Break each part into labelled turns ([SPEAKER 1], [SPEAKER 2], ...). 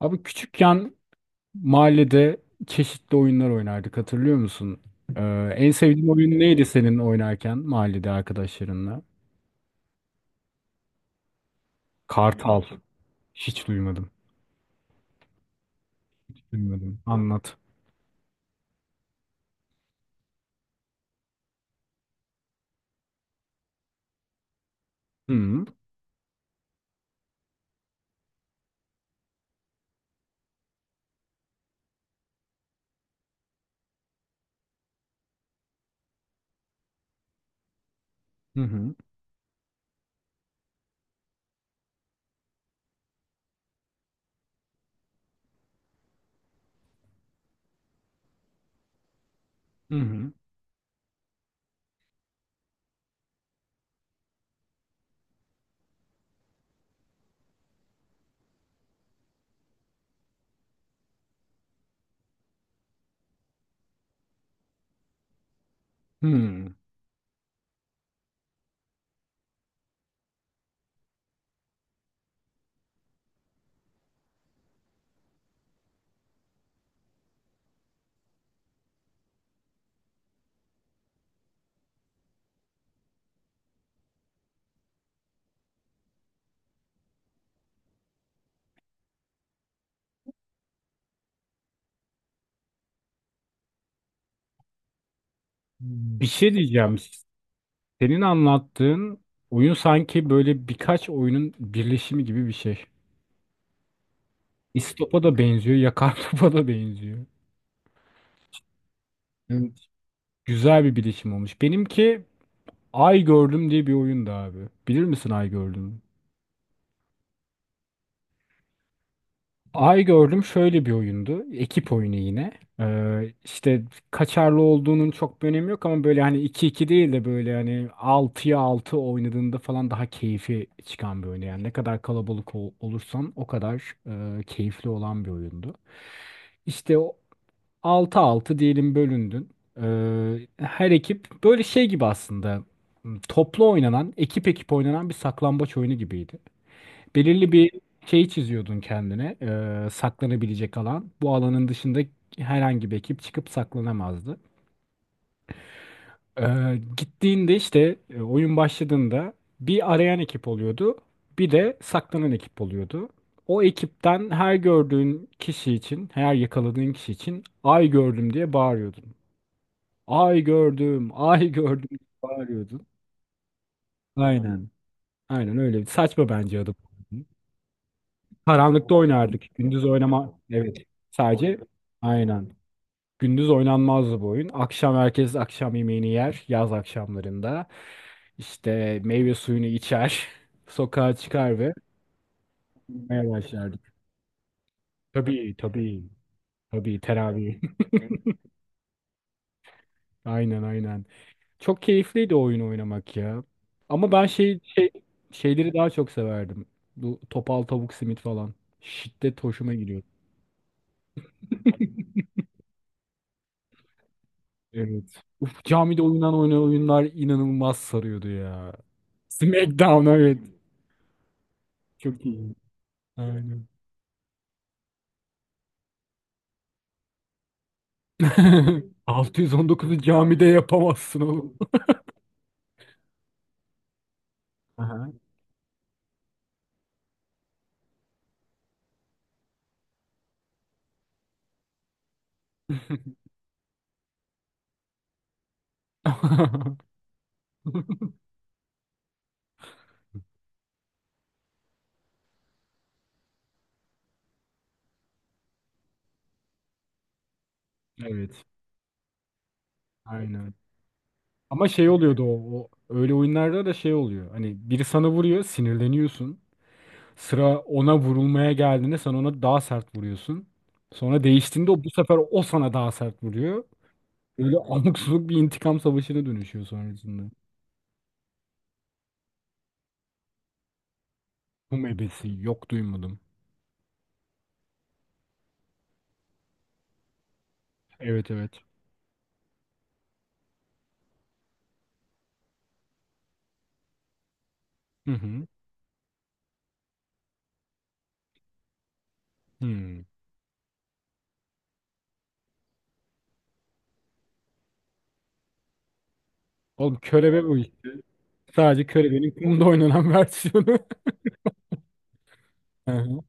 [SPEAKER 1] Abi küçükken mahallede çeşitli oyunlar oynardık hatırlıyor musun? En sevdiğin oyun neydi senin oynarken mahallede arkadaşlarınla? Kartal. Hiç duymadım. Hiç duymadım. Anlat. Hı hı hı hı hı. Hı. Bir şey diyeceğim. Senin anlattığın oyun sanki böyle birkaç oyunun birleşimi gibi bir şey. İstopa da benziyor, yakar topa da benziyor. Evet. Güzel bir birleşim olmuş. Benimki Ay Gördüm diye bir oyundu abi. Bilir misin Ay Gördüm? Ay Gördüm şöyle bir oyundu. Ekip oyunu yine. İşte kaçarlı olduğunun çok bir önemi yok ama böyle hani iki iki değil de böyle hani 6'ya 6 oynadığında falan daha keyfi çıkan bir oyun. Yani ne kadar kalabalık olursan o kadar keyifli olan bir oyundu. İşte o altı 6 diyelim bölündün. Her ekip böyle şey gibi aslında toplu oynanan, ekip ekip oynanan bir saklambaç oyunu gibiydi. Belirli bir şey çiziyordun kendine, saklanabilecek alan. Bu alanın dışında herhangi bir ekip çıkıp saklanamazdı. E, gittiğinde işte oyun başladığında bir arayan ekip oluyordu, bir de saklanan ekip oluyordu. O ekipten her gördüğün kişi için, her yakaladığın kişi için ay gördüm diye bağırıyordun. Ay gördüm, ay gördüm diye bağırıyordun. Aynen. Aynen öyle. Saçma bence adı. Karanlıkta oynardık. Gündüz oynama. Evet. Sadece aynen. Gündüz oynanmazdı bu oyun. Akşam herkes akşam yemeğini yer. Yaz akşamlarında. İşte meyve suyunu içer. Sokağa çıkar ve oynamaya başlardık. Tabii tabii. Tabii teravih. Aynen aynen. Çok keyifliydi o oyunu oynamak ya. Ama ben şeyleri daha çok severdim. Bu topal tavuk simit falan. Şiddet hoşuma gidiyor. Evet. Uf, camide oynanan oyunlar inanılmaz sarıyordu ya. SmackDown evet. Çok iyi. Aynen. 619'u camide yapamazsın oğlum. Aha. Evet. Aynen. Ama şey oluyordu o. Öyle oyunlarda da şey oluyor. Hani biri sana vuruyor, sinirleniyorsun. Sıra ona vurulmaya geldiğinde sen ona daha sert vuruyorsun. Sonra değiştiğinde o bu sefer o sana daha sert vuruyor. Böyle abuk subuk bir intikam savaşına dönüşüyor sonrasında. Kum ebesi yok duymadım. Evet evet. Hı hı. Hmm. Oğlum körebe bu işte. Sadece körebenin kumda oynanan versiyonu. Hı hı.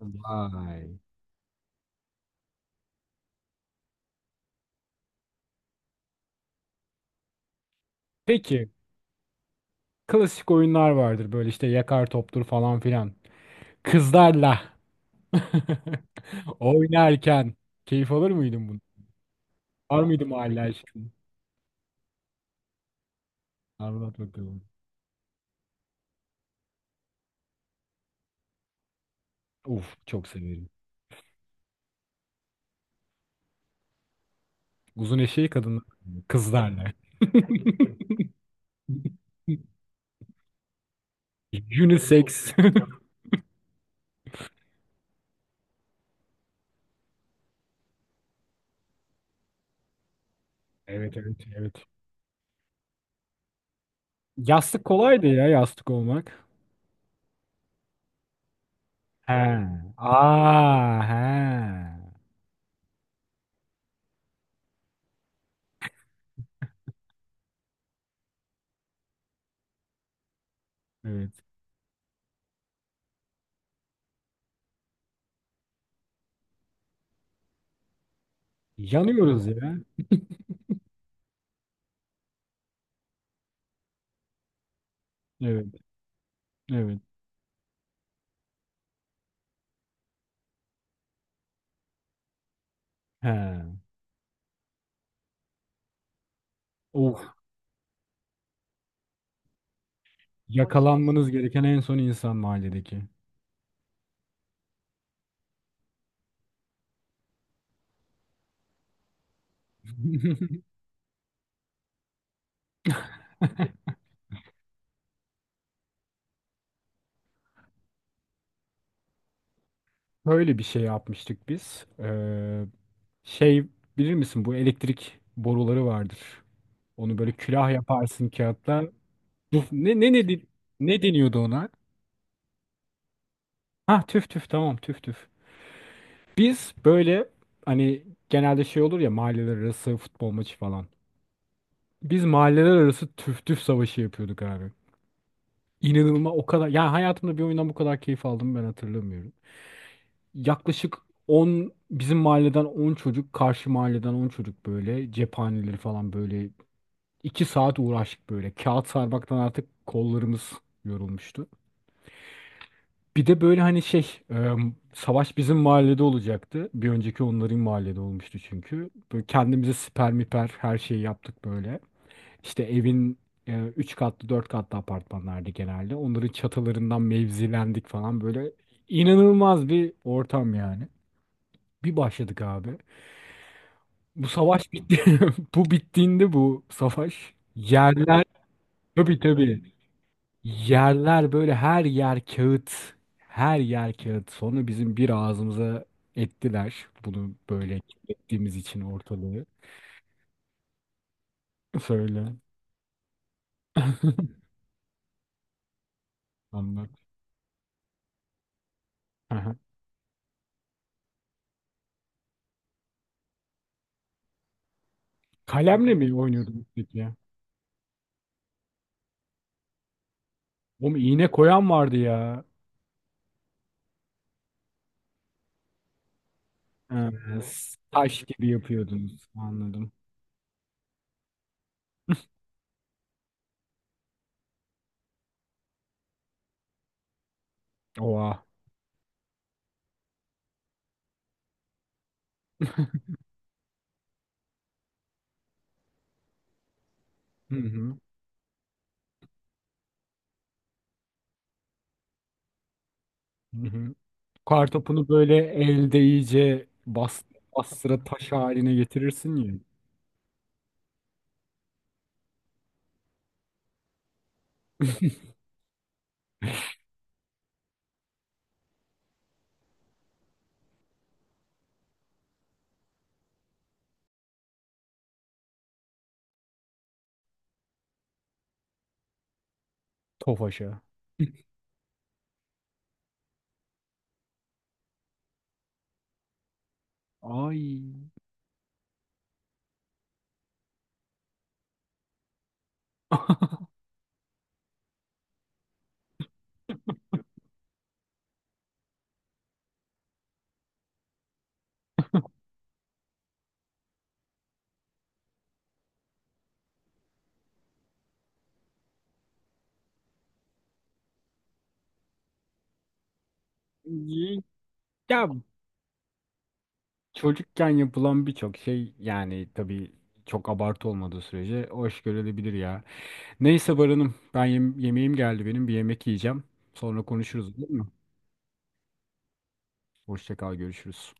[SPEAKER 1] Vay. Peki klasik oyunlar vardır böyle işte yakar toptur falan filan. Kızlarla oynarken keyif alır mıydın bunu? Var mıydı mahalle aşkın? Anlat bakalım. Uf çok severim. Uzun eşeği kadınlar kızlarla. Unisex. Evet evet evet. Yastık kolaydı ya yastık olmak. He. Aa he. Evet. Yanıyoruz ya. Evet. Evet. He. Oh. Yakalanmanız gereken en son insan mahalledeki. Böyle bir şey yapmıştık biz. Şey, bilir misin bu elektrik boruları vardır. Onu böyle külah yaparsın kağıtla. Duf- Ne ne ne ne deniyordu ona? Ha tüf tüf tamam tüf tüf. Biz böyle hani genelde şey olur ya mahalleler arası futbol maçı falan. Biz mahalleler arası tüf tüf savaşı yapıyorduk abi. İnanılmaz o kadar ya hayatımda bir oyundan bu kadar keyif aldım ben hatırlamıyorum. Yaklaşık 10 bizim mahalleden 10 çocuk karşı mahalleden 10 çocuk böyle cephaneleri falan böyle 2 saat uğraştık böyle. Kağıt sarmaktan artık kollarımız yorulmuştu. Bir de böyle hani e, savaş bizim mahallede olacaktı. Bir önceki onların mahallede olmuştu çünkü. Böyle kendimize siper miper her şeyi yaptık böyle. İşte evin 3 katlı 4 katlı apartmanlardı genelde. Onların çatılarından mevzilendik falan böyle. İnanılmaz bir ortam yani. Bir başladık abi. Bu savaş bitti. Bu bittiğinde bu savaş. Yerler tabii tabii. Yerler böyle her yer kağıt. Her yer kağıt. Sonra bizim bir ağzımıza ettiler. Bunu böyle ettiğimiz için ortalığı. Söyle. Anlat. Aha. Kalemle mi oynuyordunuz peki ya? Oğlum iğne koyan vardı ya. Ee, taş gibi yapıyordunuz. Anladım. Oha. Hı hı. Hı hı. Kartopunu böyle elde iyice bas, bastıra taş haline getirirsin ya. Tofaşa. Ay. Y- Ya çocukken yapılan birçok şey yani tabii çok abartı olmadığı sürece hoş görülebilir ya. Neyse Baran'ım ben yemeğim geldi benim bir yemek yiyeceğim. Sonra konuşuruz olur mu? Hoşça kal görüşürüz.